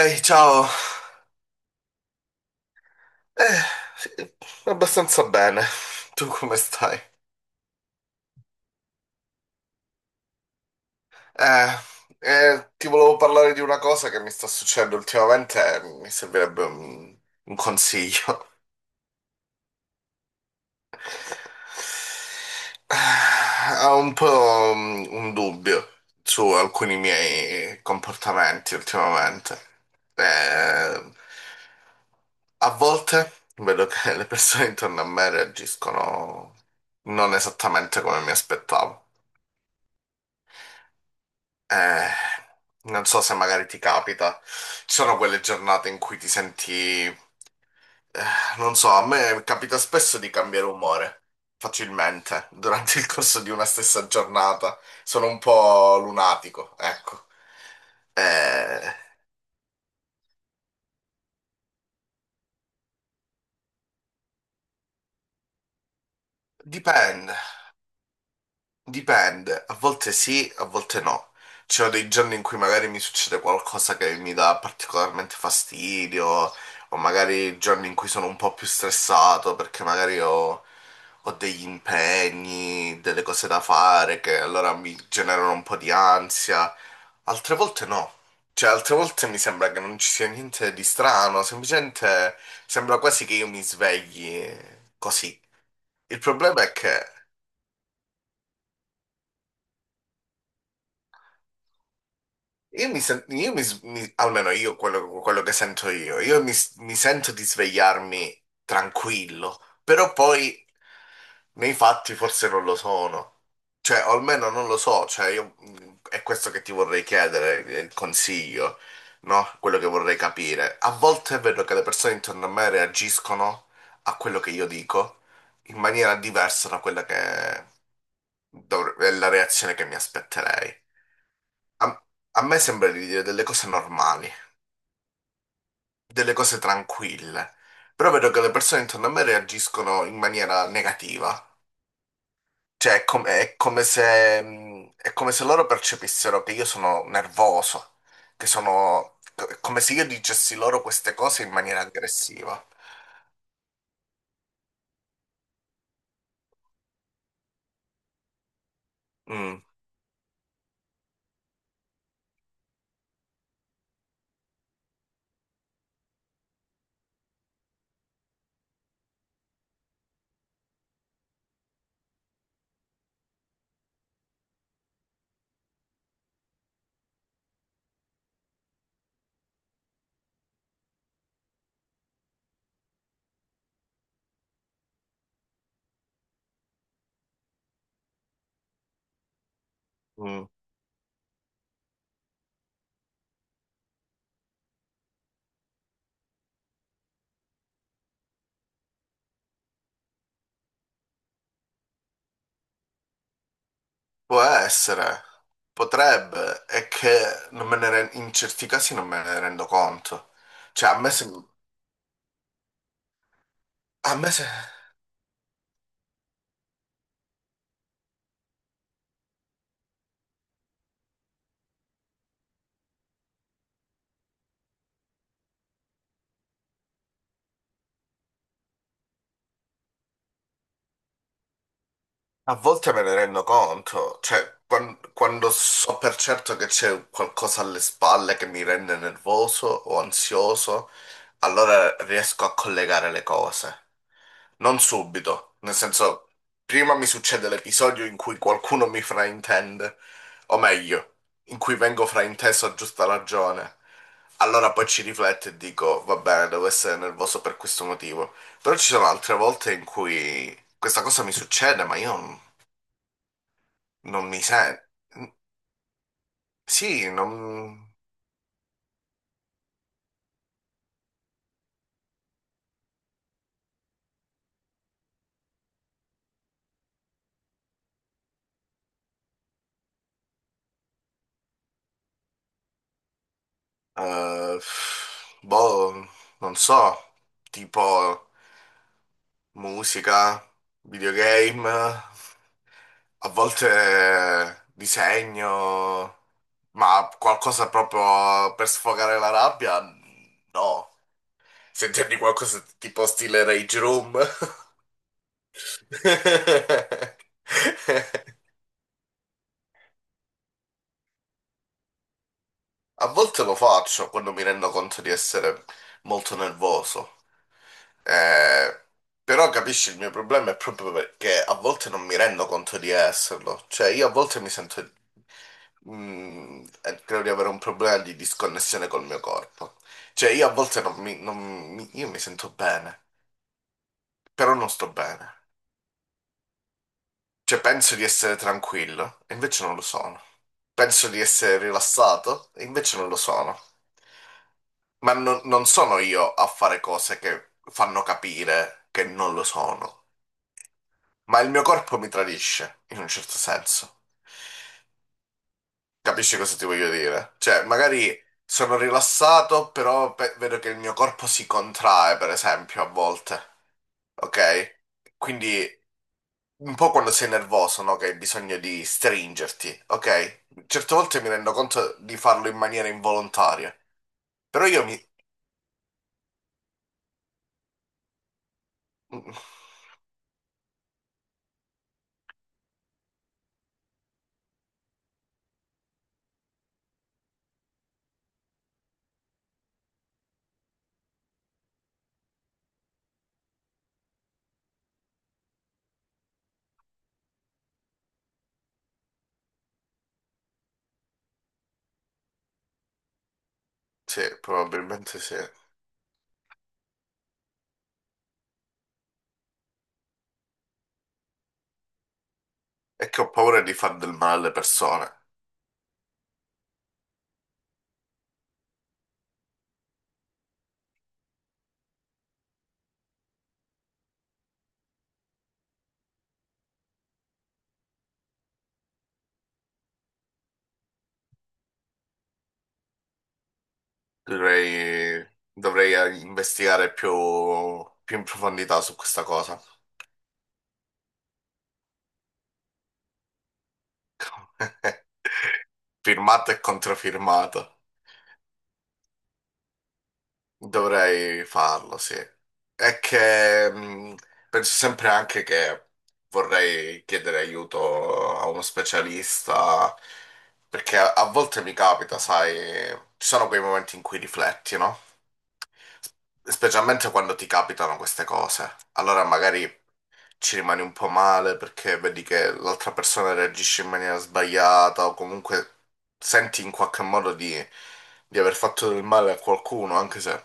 Ehi, ciao. Eh, sì, abbastanza bene. Tu come stai? Eh, ti volevo parlare di una cosa che mi sta succedendo ultimamente e mi servirebbe un consiglio. Ho un po' un dubbio su alcuni miei comportamenti ultimamente. Eh, A volte vedo che le persone intorno a me reagiscono non esattamente come mi aspettavo. Eh, Non so se magari ti capita. Ci sono quelle giornate in cui ti senti, eh, non so, a me capita spesso di cambiare umore facilmente durante il corso di una stessa giornata. Sono un po' lunatico, ecco. Eh, Dipende. Dipende, a volte sì, a volte no. Ci sono dei giorni in cui magari mi succede qualcosa che mi dà particolarmente fastidio, o magari giorni in cui sono un po' più stressato perché magari ho degli impegni, delle cose da fare che allora mi generano un po' di ansia. Altre volte no. Cioè, altre volte mi sembra che non ci sia niente di strano, semplicemente sembra quasi che io mi svegli così. Il problema è che Io mi, sen- io mi s- mi- almeno io quello che sento io, mi sento di svegliarmi tranquillo, però poi nei fatti forse non lo sono, cioè o almeno non lo so, cioè io, è questo che ti vorrei chiedere, il consiglio, no? Quello che vorrei capire. A volte vedo che le persone intorno a me reagiscono a quello che io dico in maniera diversa da quella che è la reazione che mi aspetterei. A me sembra di dire delle cose normali, delle cose tranquille, però vedo che le persone intorno a me reagiscono in maniera negativa. Cioè, è come se loro percepissero che io sono nervoso, che sono. È come se io dicessi loro queste cose in maniera aggressiva. Mm, mm. Può essere, potrebbe, è che non me ne ren- in certi casi non me ne rendo conto. Cioè, a me, sem- a me se... A volte me ne rendo conto, cioè quando, so per certo che c'è qualcosa alle spalle che mi rende nervoso o ansioso, allora riesco a collegare le cose. Non subito, nel senso, prima mi succede l'episodio in cui qualcuno mi fraintende, o meglio, in cui vengo frainteso a giusta ragione. Allora poi ci rifletto e dico, va bene, devo essere nervoso per questo motivo. Però ci sono altre volte in cui questa cosa mi succede, ma io non mi sento. Sì, non. eh, Boh, non so. Tipo musica, videogame, a volte disegno, ma qualcosa proprio per sfogare la rabbia? No. Se intendi qualcosa tipo stile Rage Room? A volte lo faccio quando mi rendo conto di essere molto nervoso. Eh, Però capisci, il mio problema è proprio perché a volte non mi rendo conto di esserlo. Cioè, io a volte mi sento. Credo di avere un problema di disconnessione col mio corpo. Cioè, io a volte non mi... non mi- io mi sento bene, però non sto bene. Cioè, penso di essere tranquillo, e invece non lo sono. Penso di essere rilassato, e invece non lo sono. Ma non sono io a fare cose che fanno capire che non lo sono. Ma il mio corpo mi tradisce, in un certo senso. Capisci cosa ti voglio dire? Cioè, magari sono rilassato, però vedo che il mio corpo si contrae, per esempio, a volte. Ok? Quindi un po' quando sei nervoso, no? Che hai bisogno di stringerti, ok? Certe volte mi rendo conto di farlo in maniera involontaria, però io mi. Sì, probabilmente sì. È che ho paura di far del male alle persone. Dovrei, dovrei investigare più in profondità su questa cosa. Firmato e controfirmato. Dovrei farlo, sì. È che penso sempre anche che vorrei chiedere aiuto a uno specialista, perché a volte mi capita, sai, ci sono quei momenti in cui rifletti, no? Specialmente quando ti capitano queste cose. Allora magari ci rimani un po' male perché vedi che l'altra persona reagisce in maniera sbagliata o comunque senti in qualche modo di aver fatto del male a qualcuno, anche se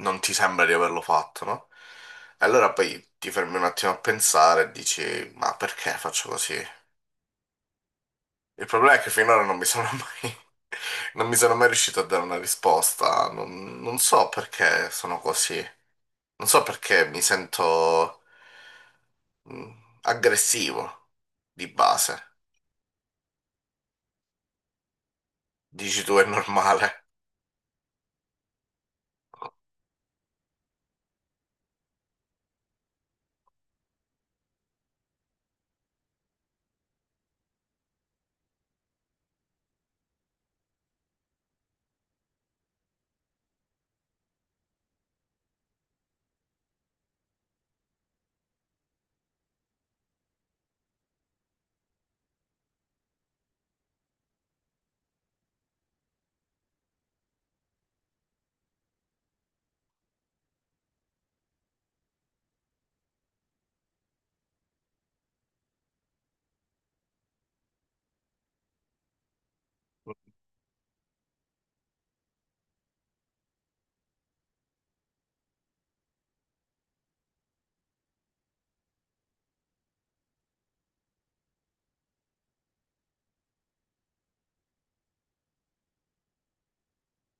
non ti sembra di averlo fatto, no? E allora poi ti fermi un attimo a pensare e dici, ma perché faccio così? Il problema è che finora non mi sono mai, non mi sono mai riuscito a dare una risposta, non so perché sono così, non so perché mi sento mm, aggressivo di base. Dici tu è normale.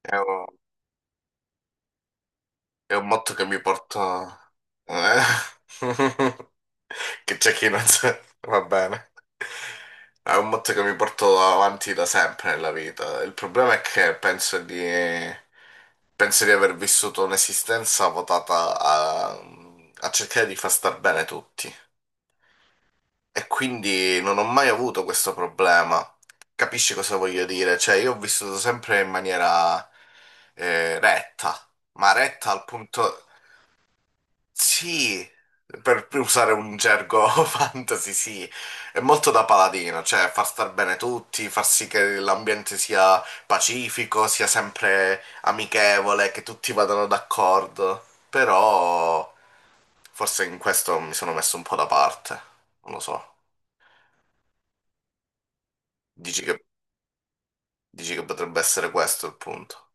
È un, è un motto che mi porto. Eh? Che c'è chi non sa. Va bene. È un motto che mi porto avanti da sempre nella vita. Il problema è che Penso di aver vissuto un'esistenza votata a cercare di far star bene tutti. E quindi non ho mai avuto questo problema. Capisci cosa voglio dire? Cioè, io ho vissuto sempre in maniera retta, ma retta al punto. Sì, per usare un gergo fantasy, sì, è molto da paladino, cioè far star bene tutti, far sì che l'ambiente sia pacifico, sia sempre amichevole, che tutti vadano d'accordo. Però forse in questo mi sono messo un po' da parte, non lo so. Dici che Dici che potrebbe essere questo il punto.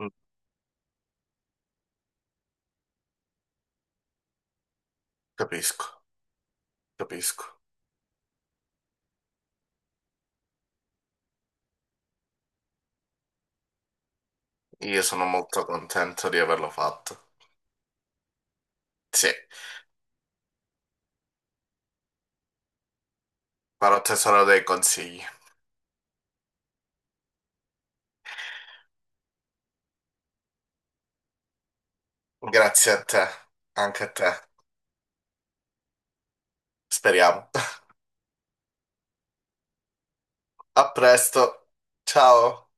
Mm, capisco, capisco. Io sono molto contento di averlo fatto. Sì, farò tesoro dei consigli. Grazie a te, anche a te. Speriamo. A presto. Ciao.